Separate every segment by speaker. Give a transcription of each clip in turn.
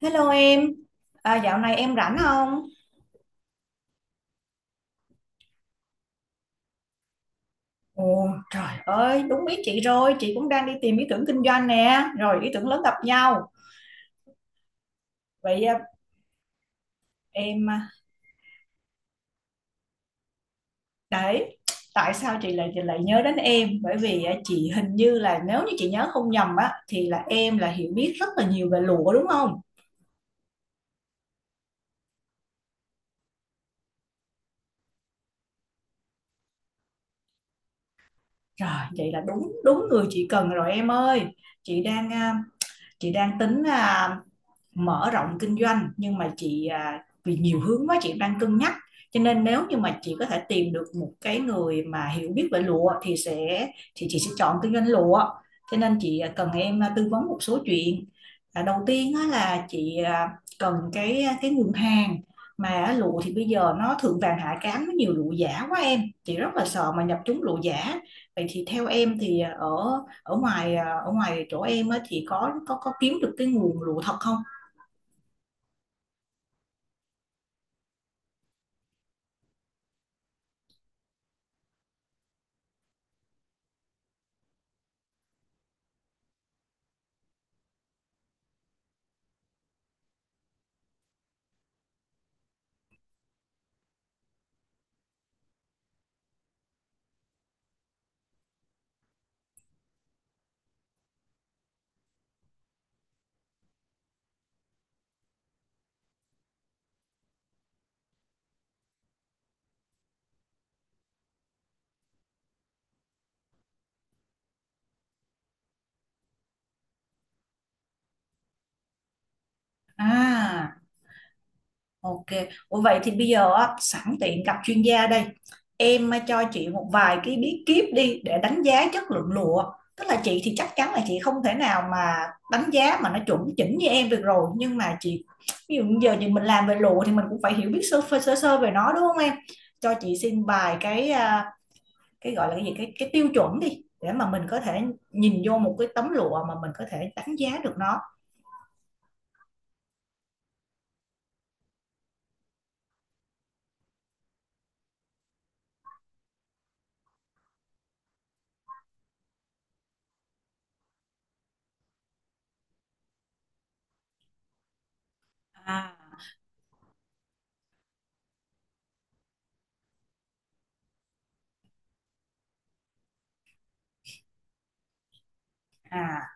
Speaker 1: Hello em, dạo này em rảnh không? Ồ trời ơi, đúng ý chị rồi, chị cũng đang đi tìm ý tưởng kinh doanh nè, rồi ý tưởng lớn gặp nhau. Vậy à, em, à, đấy, tại sao chị lại nhớ đến em? Bởi vì à, chị hình như là nếu như chị nhớ không nhầm á, thì là em là hiểu biết rất là nhiều về lụa đúng không? Rồi, vậy là đúng đúng người chị cần rồi em ơi. Chị đang à, chị đang tính à, mở rộng kinh doanh nhưng mà chị à, vì nhiều hướng quá chị đang cân nhắc cho nên nếu như mà chị có thể tìm được một cái người mà hiểu biết về lụa thì sẽ thì chị sẽ chọn kinh doanh lụa cho nên chị à, cần em à, tư vấn một số chuyện. À, đầu tiên á, là chị à, cần cái à, cái nguồn hàng mà á, lụa thì bây giờ nó thượng vàng hạ cám nó nhiều lụa giả quá em, chị rất là sợ mà nhập trúng lụa giả. Vậy thì theo em thì à, ở ở ngoài à, ở ngoài chỗ em á, thì có kiếm được cái nguồn lụa thật không? À, ok. Ủa vậy thì bây giờ á, sẵn tiện gặp chuyên gia đây. Em á, cho chị một vài cái bí kíp đi để đánh giá chất lượng lụa. Tức là chị thì chắc chắn là chị không thể nào mà đánh giá mà nó chuẩn chỉnh như em được rồi. Nhưng mà chị, ví dụ như giờ thì mình làm về lụa thì mình cũng phải hiểu biết sơ sơ về nó đúng không em? Cho chị xin vài cái à, cái gọi là cái gì cái tiêu chuẩn đi để mà mình có thể nhìn vô một cái tấm lụa mà mình có thể đánh giá được nó. À, à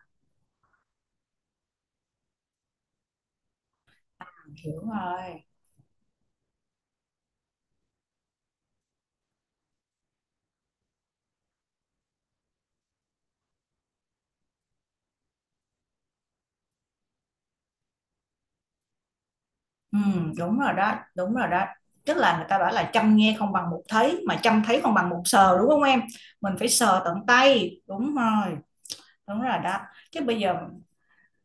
Speaker 1: hiểu rồi. Ừ, đúng rồi đó, đúng rồi đó. Tức là người ta bảo là chăm nghe không bằng một thấy, mà chăm thấy không bằng một sờ đúng không em? Mình phải sờ tận tay, đúng rồi đó. Chứ bây giờ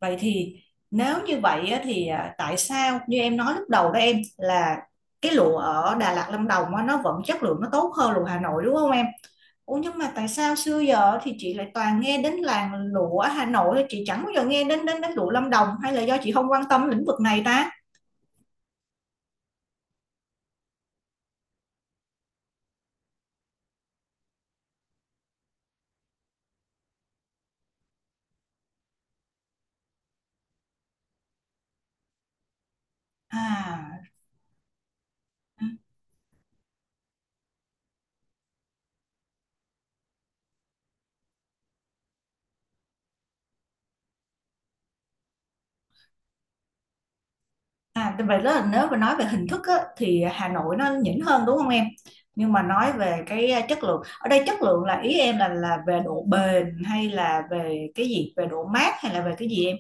Speaker 1: vậy thì nếu như vậy á, thì à, tại sao như em nói lúc đầu đó em là cái lụa ở Đà Lạt Lâm Đồng á, nó vẫn chất lượng nó tốt hơn lụa Hà Nội đúng không em? Ủa nhưng mà tại sao xưa giờ thì chị lại toàn nghe đến làng lụa Hà Nội, chị chẳng bao giờ nghe đến đến đến lụa Lâm Đồng hay là do chị không quan tâm lĩnh vực này ta? À. Ừ. À, tại vậy là nếu mà nói về hình thức á, thì Hà Nội nó nhỉnh hơn đúng không em? Nhưng mà nói về cái à, chất lượng, ở đây chất lượng là ý em là về độ bền hay là về cái gì? Về độ mát hay là về cái gì em?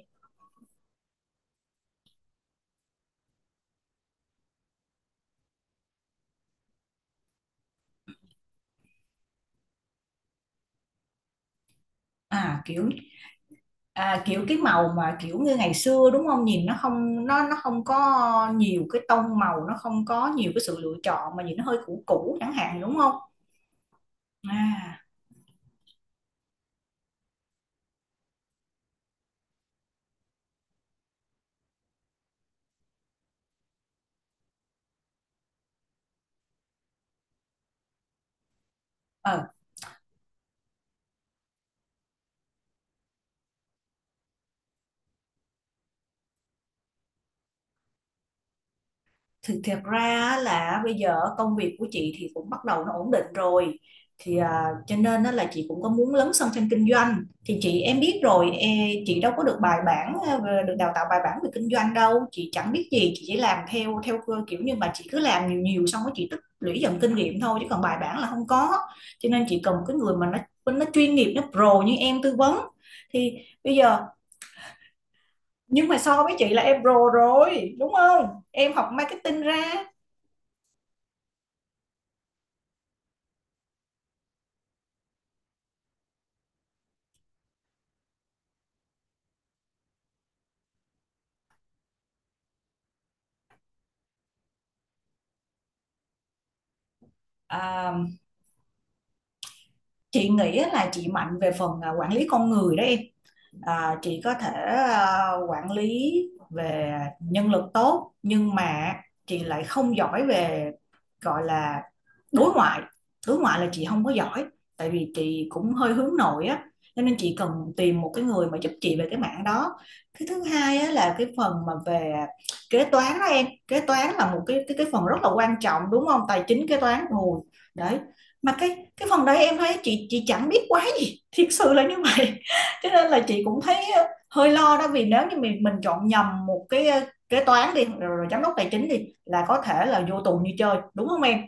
Speaker 1: À kiểu à, kiểu cái màu mà kiểu như ngày xưa đúng không? Nhìn nó không nó không có nhiều cái tông màu, nó không có nhiều cái sự lựa chọn mà nhìn nó hơi cũ cũ chẳng hạn đúng không? À thì thiệt ra là bây giờ công việc của chị thì cũng bắt đầu nó ổn định rồi thì à, cho nên á là chị cũng có muốn lấn sân sang kinh doanh thì chị em biết rồi e, chị đâu có được bài bản à, được đào tạo bài bản về kinh doanh đâu, chị chẳng biết gì, chị chỉ làm theo theo cơ kiểu như mà chị cứ làm nhiều nhiều xong rồi chị tích lũy dần kinh nghiệm thôi chứ còn bài bản là không có, cho nên chị cần một cái người mà nó chuyên nghiệp, nó pro như em tư vấn. Thì bây giờ nhưng mà so với chị là em pro rồi đúng không? Em học marketing ra. À, chị nghĩ là chị mạnh về phần à, quản lý con người đó em, à, chị có thể à, quản lý về nhân lực tốt nhưng mà chị lại không giỏi về gọi là đối ngoại, đối ngoại là chị không có giỏi tại vì chị cũng hơi hướng nội á, cho nên chị cần tìm một cái người mà giúp chị về cái mảng đó. Cái thứ hai á, là cái phần mà về kế toán đó em, kế toán là một cái cái phần rất là quan trọng đúng không? Tài chính kế toán rồi đấy, mà cái phần đấy em thấy chị chẳng biết quá gì, thiệt sự là như vậy, cho nên là chị cũng thấy ờ, hơi lo đó vì nếu như mình chọn nhầm một cái ờ, kế toán đi rồi, rồi giám đốc tài chính đi là có thể là vô tù như chơi đúng không em?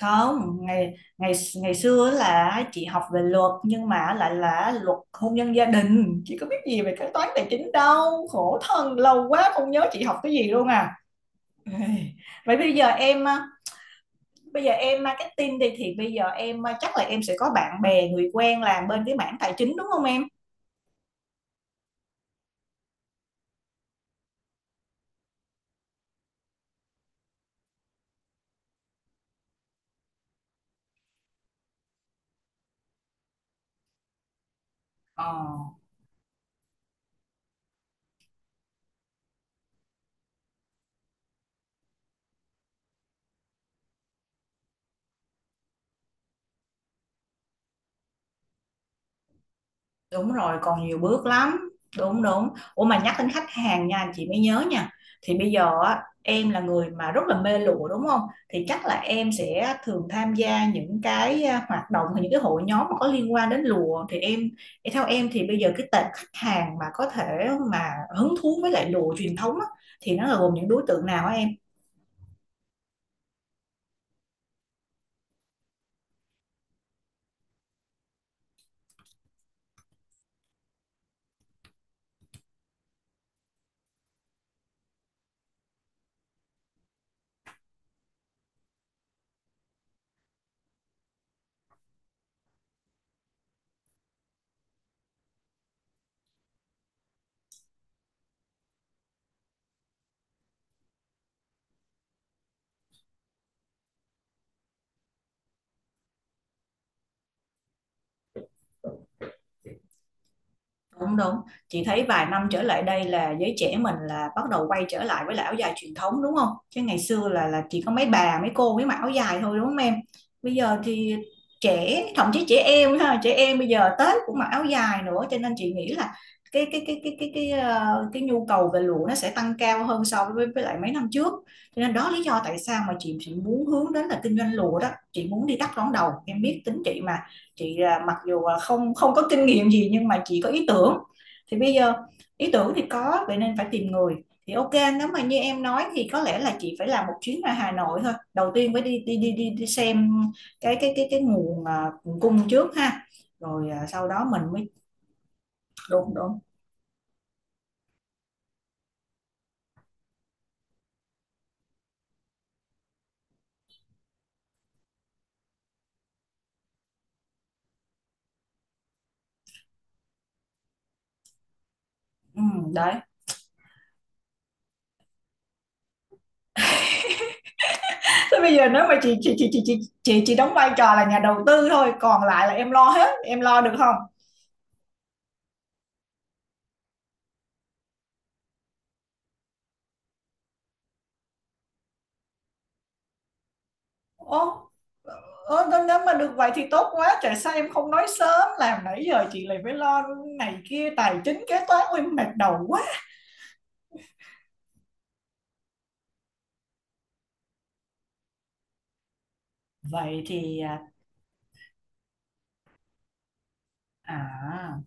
Speaker 1: Không, ngày ngày ngày xưa là chị học về luật nhưng mà lại là luật hôn nhân gia đình, chị có biết gì về kế toán tài chính đâu, khổ thân lâu quá không nhớ chị học cái gì luôn à. Ê, vậy bây giờ em ờ, bây giờ em marketing đi thì bây giờ em ờ, chắc là em sẽ có bạn bè người quen làm bên cái mảng tài chính đúng không em? Ờ. Đúng rồi, còn nhiều bước lắm. Đúng đúng. Ủa mà nhắc đến khách hàng nha, chị mới nhớ nha. Thì bây giờ á, em là người mà rất là mê lụa đúng không? Thì chắc là em sẽ thường tham gia những cái à, hoạt động hay những cái hội nhóm mà có liên quan đến lụa thì em theo em thì bây giờ cái tệp khách hàng mà có thể mà hứng thú với lại lụa truyền thống á, thì nó là gồm những đối tượng nào á em? Đúng, đúng. Chị thấy vài năm trở lại đây là giới trẻ mình là bắt đầu quay trở lại với lại áo dài truyền thống đúng không? Chứ ngày xưa là chỉ có mấy bà, mấy cô mới mặc áo dài thôi đúng không em? Bây giờ thì trẻ, thậm chí trẻ em ha, trẻ em bây giờ Tết cũng mặc áo dài nữa cho nên chị nghĩ là cái ờ, cái nhu cầu về lụa nó sẽ tăng cao hơn so với lại mấy năm trước. Cho nên đó lý do tại sao mà chị muốn hướng đến là kinh doanh lụa đó. Chị muốn đi đắp đón đầu. Em biết tính chị mà, chị à, mặc dù không không có kinh nghiệm gì nhưng mà chị có ý tưởng thì bây giờ ý tưởng thì có vậy nên phải tìm người. Thì ok nếu mà như em nói thì có lẽ là chị phải làm một chuyến ra Hà Nội thôi, đầu tiên phải đi đi xem cái nguồn à, nguồn cung trước ha, rồi à, sau đó mình mới đúng đúng ừ, đấy thế bây giờ nếu mà chị đóng vai trò là nhà đầu tư thôi còn lại là em lo hết, em lo được không? Ồ, ơ, thế nếu mà được vậy thì tốt quá, tại sao em không nói sớm, làm nãy giờ chị lại phải lo này kia tài chính kế toán, em mệt đầu quá. Vậy thì à, à,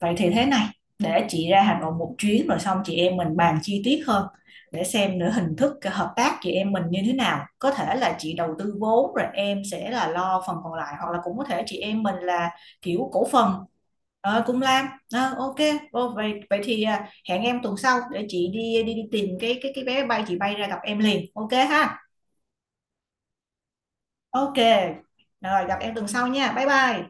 Speaker 1: vậy thì thế này, để chị ra Hà Nội một chuyến rồi xong chị em mình bàn chi tiết hơn để xem nữa hình thức cái hợp tác chị em mình như thế nào. Có thể là chị đầu tư vốn rồi em sẽ là lo phần còn lại hoặc là cũng có thể chị em mình là kiểu cổ phần ờ, cùng làm. Ờ, ok, ờ, vậy vậy thì à, hẹn em tuần sau để chị đi đi tìm cái vé bay chị bay ra gặp em liền. Ok ha. Ok. Rồi gặp em tuần sau nha. Bye bye.